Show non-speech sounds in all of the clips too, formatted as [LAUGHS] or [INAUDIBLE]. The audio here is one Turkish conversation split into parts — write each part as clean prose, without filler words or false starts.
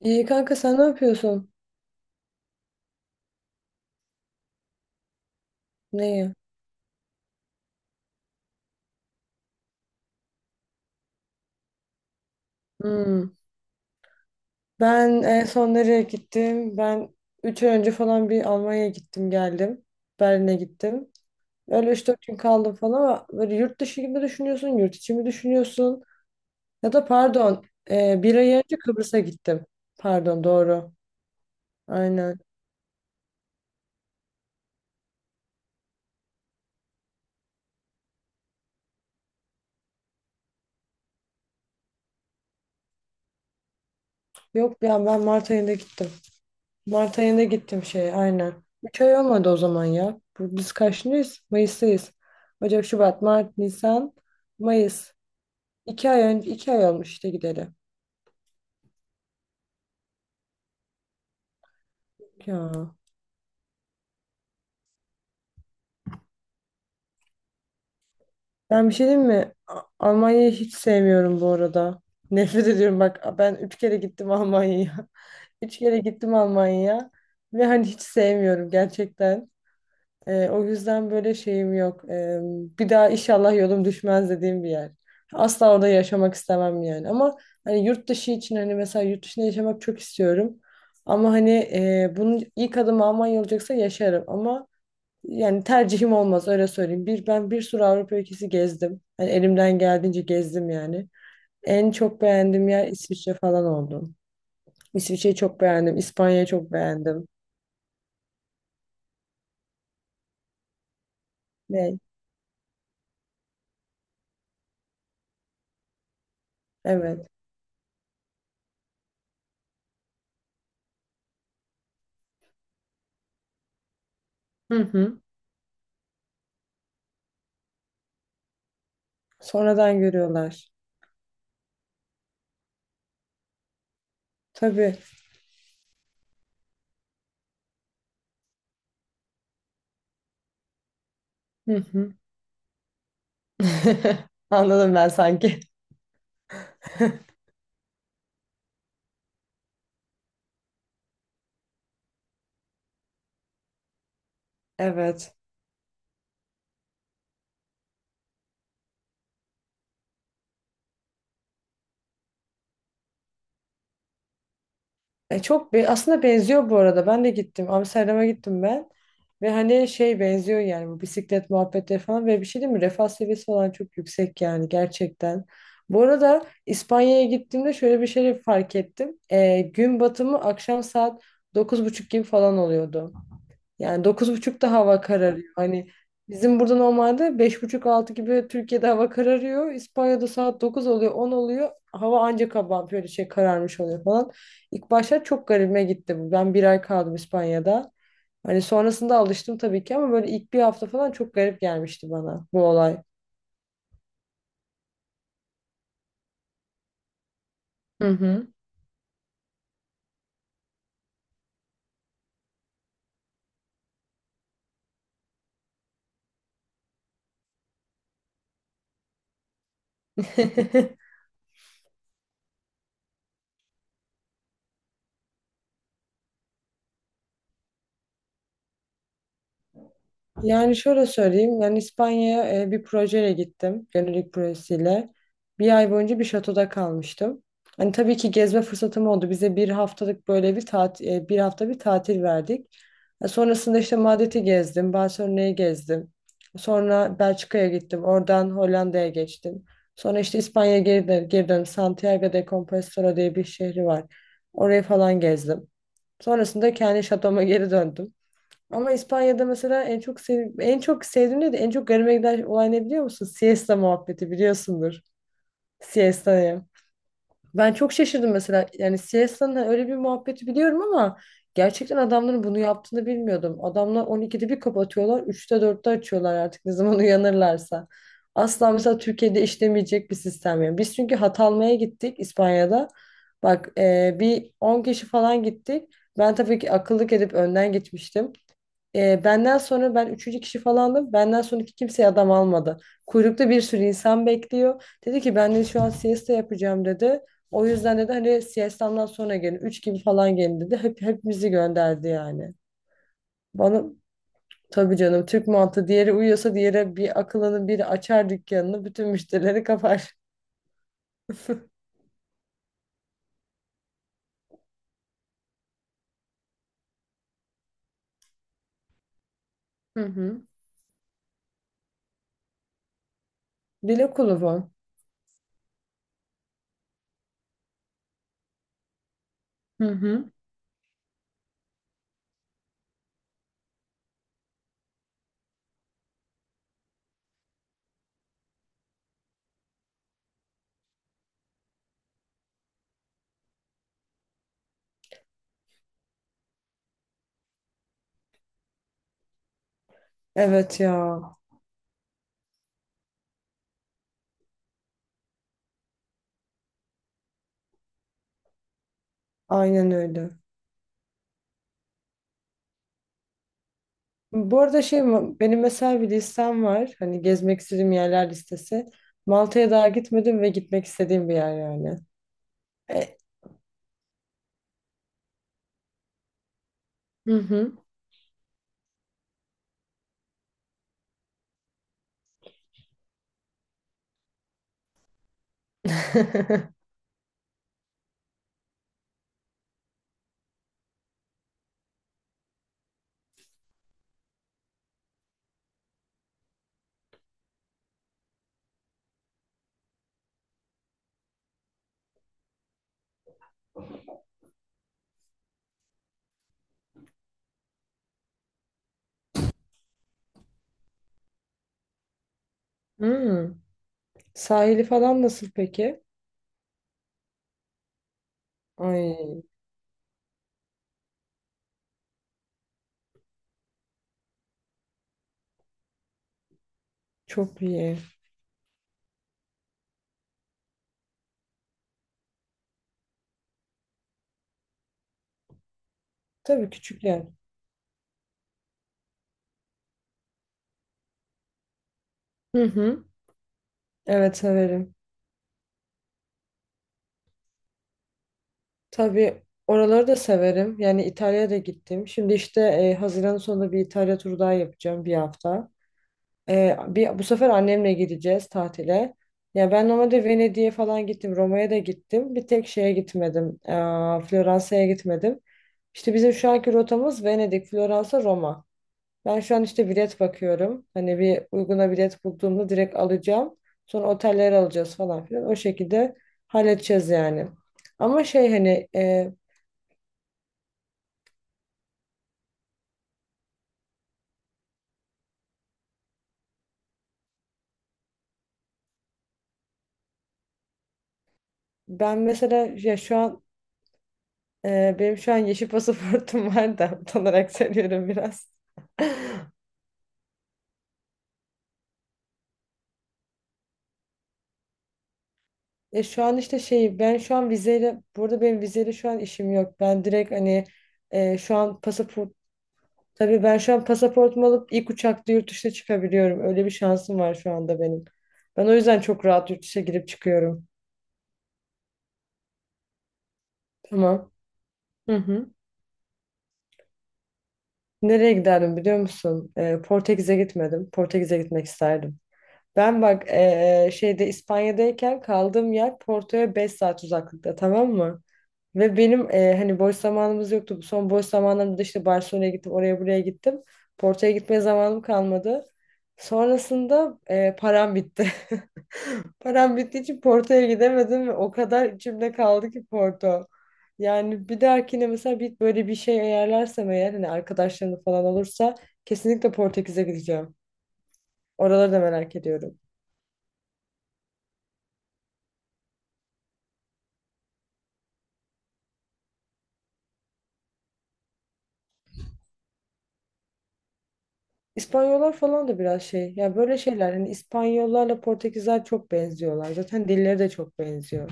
İyi kanka, sen ne yapıyorsun? Neyi? Hmm. Ben en son nereye gittim? Üç ay önce falan bir Almanya'ya gittim geldim. Berlin'e gittim. Öyle üç dört gün kaldım falan. Ama böyle yurt dışı gibi düşünüyorsun, yurt içi mi düşünüyorsun? Ya da pardon, Bir ay önce Kıbrıs'a gittim. Pardon, doğru. Aynen. Yok ya, ben Mart ayında gittim. Mart ayında gittim şey aynen. 3 ay olmadı o zaman ya. Biz kaçtayız? Mayıs'tayız. Ocak, Şubat, Mart, Nisan, Mayıs. İki ay önce, iki ay olmuş işte gideli. Ya. Ben bir şey diyeyim mi? Almanya'yı hiç sevmiyorum bu arada. [LAUGHS] Nefret ediyorum bak. Ben üç kere gittim Almanya'ya. [LAUGHS] Üç kere gittim Almanya'ya. Ve hani hiç sevmiyorum gerçekten. O yüzden böyle şeyim yok. Bir daha inşallah yolum düşmez dediğim bir yer. Asla orada yaşamak istemem yani. Ama hani yurt dışı için, hani mesela yurt dışında yaşamak çok istiyorum. Ama hani bunun ilk adımı Almanya olacaksa yaşarım. Ama yani tercihim olmaz, öyle söyleyeyim. Bir, ben bir sürü Avrupa ülkesi gezdim. Hani elimden geldiğince gezdim yani. En çok beğendiğim yer İsviçre falan oldu. İsviçre'yi çok beğendim. İspanya'yı çok beğendim. Ne? Evet. Hı hı. Sonradan görüyorlar. Tabii. Hı hı. [LAUGHS] Anladım ben sanki. [LAUGHS] Evet. Çok aslında benziyor bu arada. Ben de gittim. Amsterdam'a gittim ben. Ve hani şey benziyor yani, bu bisiklet muhabbetleri falan. Ve bir şey değil mi? Refah seviyesi falan çok yüksek yani gerçekten. Bu arada İspanya'ya gittiğimde şöyle bir şey fark ettim. Gün batımı akşam saat dokuz buçuk gibi falan oluyordu. Yani 9:30'da hava kararıyor. Hani bizim burada normalde beş buçuk altı gibi Türkiye'de hava kararıyor. İspanya'da saat 9 oluyor, 10 oluyor. Hava ancak kabam böyle şey kararmış oluyor falan. İlk başta çok garibime gitti bu. Ben bir ay kaldım İspanya'da. Hani sonrasında alıştım tabii ki, ama böyle ilk bir hafta falan çok garip gelmişti bana bu olay. Hı hı. [LAUGHS] Yani şöyle söyleyeyim. Ben İspanya'ya bir projeyle gittim. Gönüllülük projesiyle. Bir ay boyunca bir şatoda kalmıştım. Hani tabii ki gezme fırsatım oldu. Bize bir haftalık böyle bir tatil, bir hafta bir tatil verdik. E, Sonrasında işte Madrid'i gezdim, Barcelona'yı gezdim. Sonra Belçika'ya gittim. Oradan Hollanda'ya geçtim. Sonra işte İspanya'ya geri döndüm. Santiago de Compostela diye bir şehri var. Orayı falan gezdim. Sonrasında kendi şatoma geri döndüm. Ama İspanya'da mesela en çok sevdiğim değil de en çok garime giden olay ne biliyor musun? Siesta muhabbeti biliyorsundur. Siesta'yı. Ben çok şaşırdım mesela. Yani siesta'nın hani öyle bir muhabbeti biliyorum, ama gerçekten adamların bunu yaptığını bilmiyordum. Adamlar 12'de bir kapatıyorlar, 3'te 4'te açıyorlar, artık ne zaman [LAUGHS] uyanırlarsa. Asla mesela Türkiye'de işlemeyecek bir sistem yani. Biz çünkü hat almaya gittik İspanya'da. Bak, e, bir 10 kişi falan gittik. Ben tabii ki akıllık edip önden gitmiştim. Ben üçüncü kişi falandım. Benden sonraki kimse adam almadı. Kuyrukta bir sürü insan bekliyor. Dedi ki ben de şu an siesta yapacağım dedi. O yüzden dedi hani siestamdan sonra gelin. Üç gibi falan gelin dedi. Hep, hepimizi gönderdi yani. Bana tabii canım, Türk mantığı, diğeri uyuyorsa diğeri bir akılını biri açar dükkanını, bütün müşterileri kapar. Hı hı. Dil okulu bu. Hı hı. Evet ya. Aynen öyle. Bu arada benim mesela bir listem var. Hani gezmek istediğim yerler listesi. Malta'ya daha gitmedim ve gitmek istediğim bir yer yani. E, hı hı. [LAUGHS] Hmm. Sahili falan nasıl peki? Ay, çok iyi. Tabii, küçük yer. Hı hı. Evet severim. Tabii oraları da severim. Yani İtalya'ya da gittim. Şimdi işte Haziran sonunda bir İtalya turu daha yapacağım, bir hafta. Bu sefer annemle gideceğiz tatile. Ya ben normalde Venedik'e falan gittim, Roma'ya da gittim. Bir tek şeye gitmedim, Floransa'ya gitmedim. İşte bizim şu anki rotamız Venedik, Floransa, Roma. Ben şu an işte bilet bakıyorum. Hani bir uyguna bilet bulduğumda direkt alacağım. Sonra oteller alacağız falan filan. O şekilde halledeceğiz yani. Ama şey hani e, ben mesela ya şu an e, Benim şu an yeşil pasaportum [LAUGHS] var da utanarak söylüyorum biraz. [LAUGHS] E şu an işte şey ben şu an vizeyle burada Benim vizeyle şu an işim yok. Ben direkt hani e, şu an pasaport Tabii ben şu an pasaportumu alıp ilk uçakta yurt dışına çıkabiliyorum. Öyle bir şansım var şu anda benim. Ben o yüzden çok rahat yurt dışına girip çıkıyorum. Tamam. Hı hı. Nereye giderdim biliyor musun? Portekiz'e gitmedim. Portekiz'e gitmek isterdim. Ben bak, e, e, şeyde İspanya'dayken kaldığım yer Porto'ya 5 saat uzaklıkta, tamam mı? Ve benim hani boş zamanımız yoktu. Bu son boş zamanlarımda da işte Barcelona'ya gittim, oraya buraya gittim. Porto'ya gitmeye zamanım kalmadı. Sonrasında param bitti. [LAUGHS] Param bittiği için Porto'ya gidemedim ve o kadar içimde kaldı ki Porto. Yani bir dahakine mesela bir böyle bir şey ayarlarsam eğer, hani arkadaşlarım falan olursa kesinlikle Portekiz'e gideceğim. Oraları da merak ediyorum. İspanyollar falan da biraz şey. Ya böyle şeyler, hani İspanyollarla Portekizler çok benziyorlar. Zaten dilleri de çok benziyor.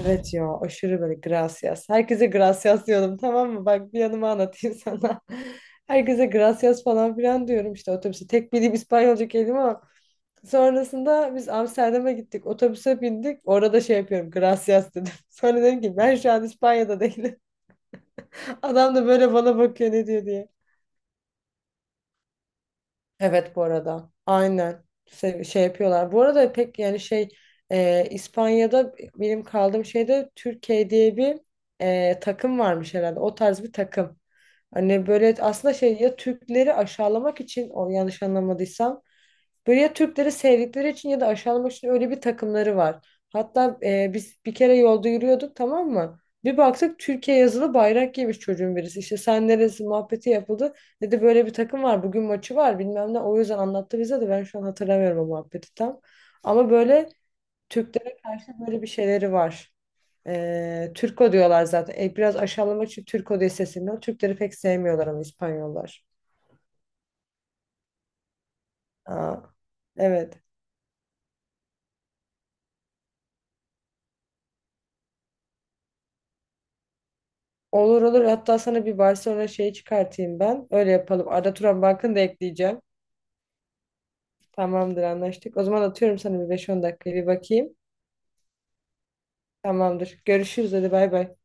Evet ya, aşırı böyle gracias. Herkese gracias diyordum, tamam mı? Bak, bir yanıma anlatayım sana. [LAUGHS] Herkese gracias falan filan diyorum işte otobüse. Tek bildiğim İspanyolca kelime o. Sonrasında biz Amsterdam'a gittik. Otobüse bindik. Orada şey yapıyorum. Gracias dedim. [LAUGHS] Sonra dedim ki ben şu an İspanya'da değilim. [LAUGHS] Adam da böyle bana bakıyor ne diyor diye. Evet bu arada. Aynen. Şey, yapıyorlar. Bu arada pek yani şey, İspanya'da benim kaldığım şeyde Türkiye diye bir takım varmış herhalde. O tarz bir takım. Hani böyle aslında şey, ya Türkleri aşağılamak için, o yanlış anlamadıysam. Böyle ya Türkleri sevdikleri için ya da aşağılamak için öyle bir takımları var. Hatta biz bir kere yolda yürüyorduk, tamam mı? Bir baktık Türkiye yazılı bayrak giymiş çocuğun birisi. İşte sen neresi muhabbeti yapıldı. Dedi böyle bir takım var, bugün maçı var, bilmem ne. O yüzden anlattı bize de, ben şu an hatırlamıyorum o muhabbeti tam. Ama böyle Türklere karşı böyle bir şeyleri var. Türko diyorlar zaten. Biraz aşağılamak için Türko diye sesleniyor. Türkleri pek sevmiyorlar ama İspanyollar. Aa, evet. Olur olur. Hatta sana bir Barcelona şeyi çıkartayım ben. Öyle yapalım. Arda Turan Bank'ını da ekleyeceğim. Tamamdır, anlaştık. O zaman atıyorum sana, bir beş on dakikaya bir bakayım. Tamamdır. Görüşürüz, hadi bay bay.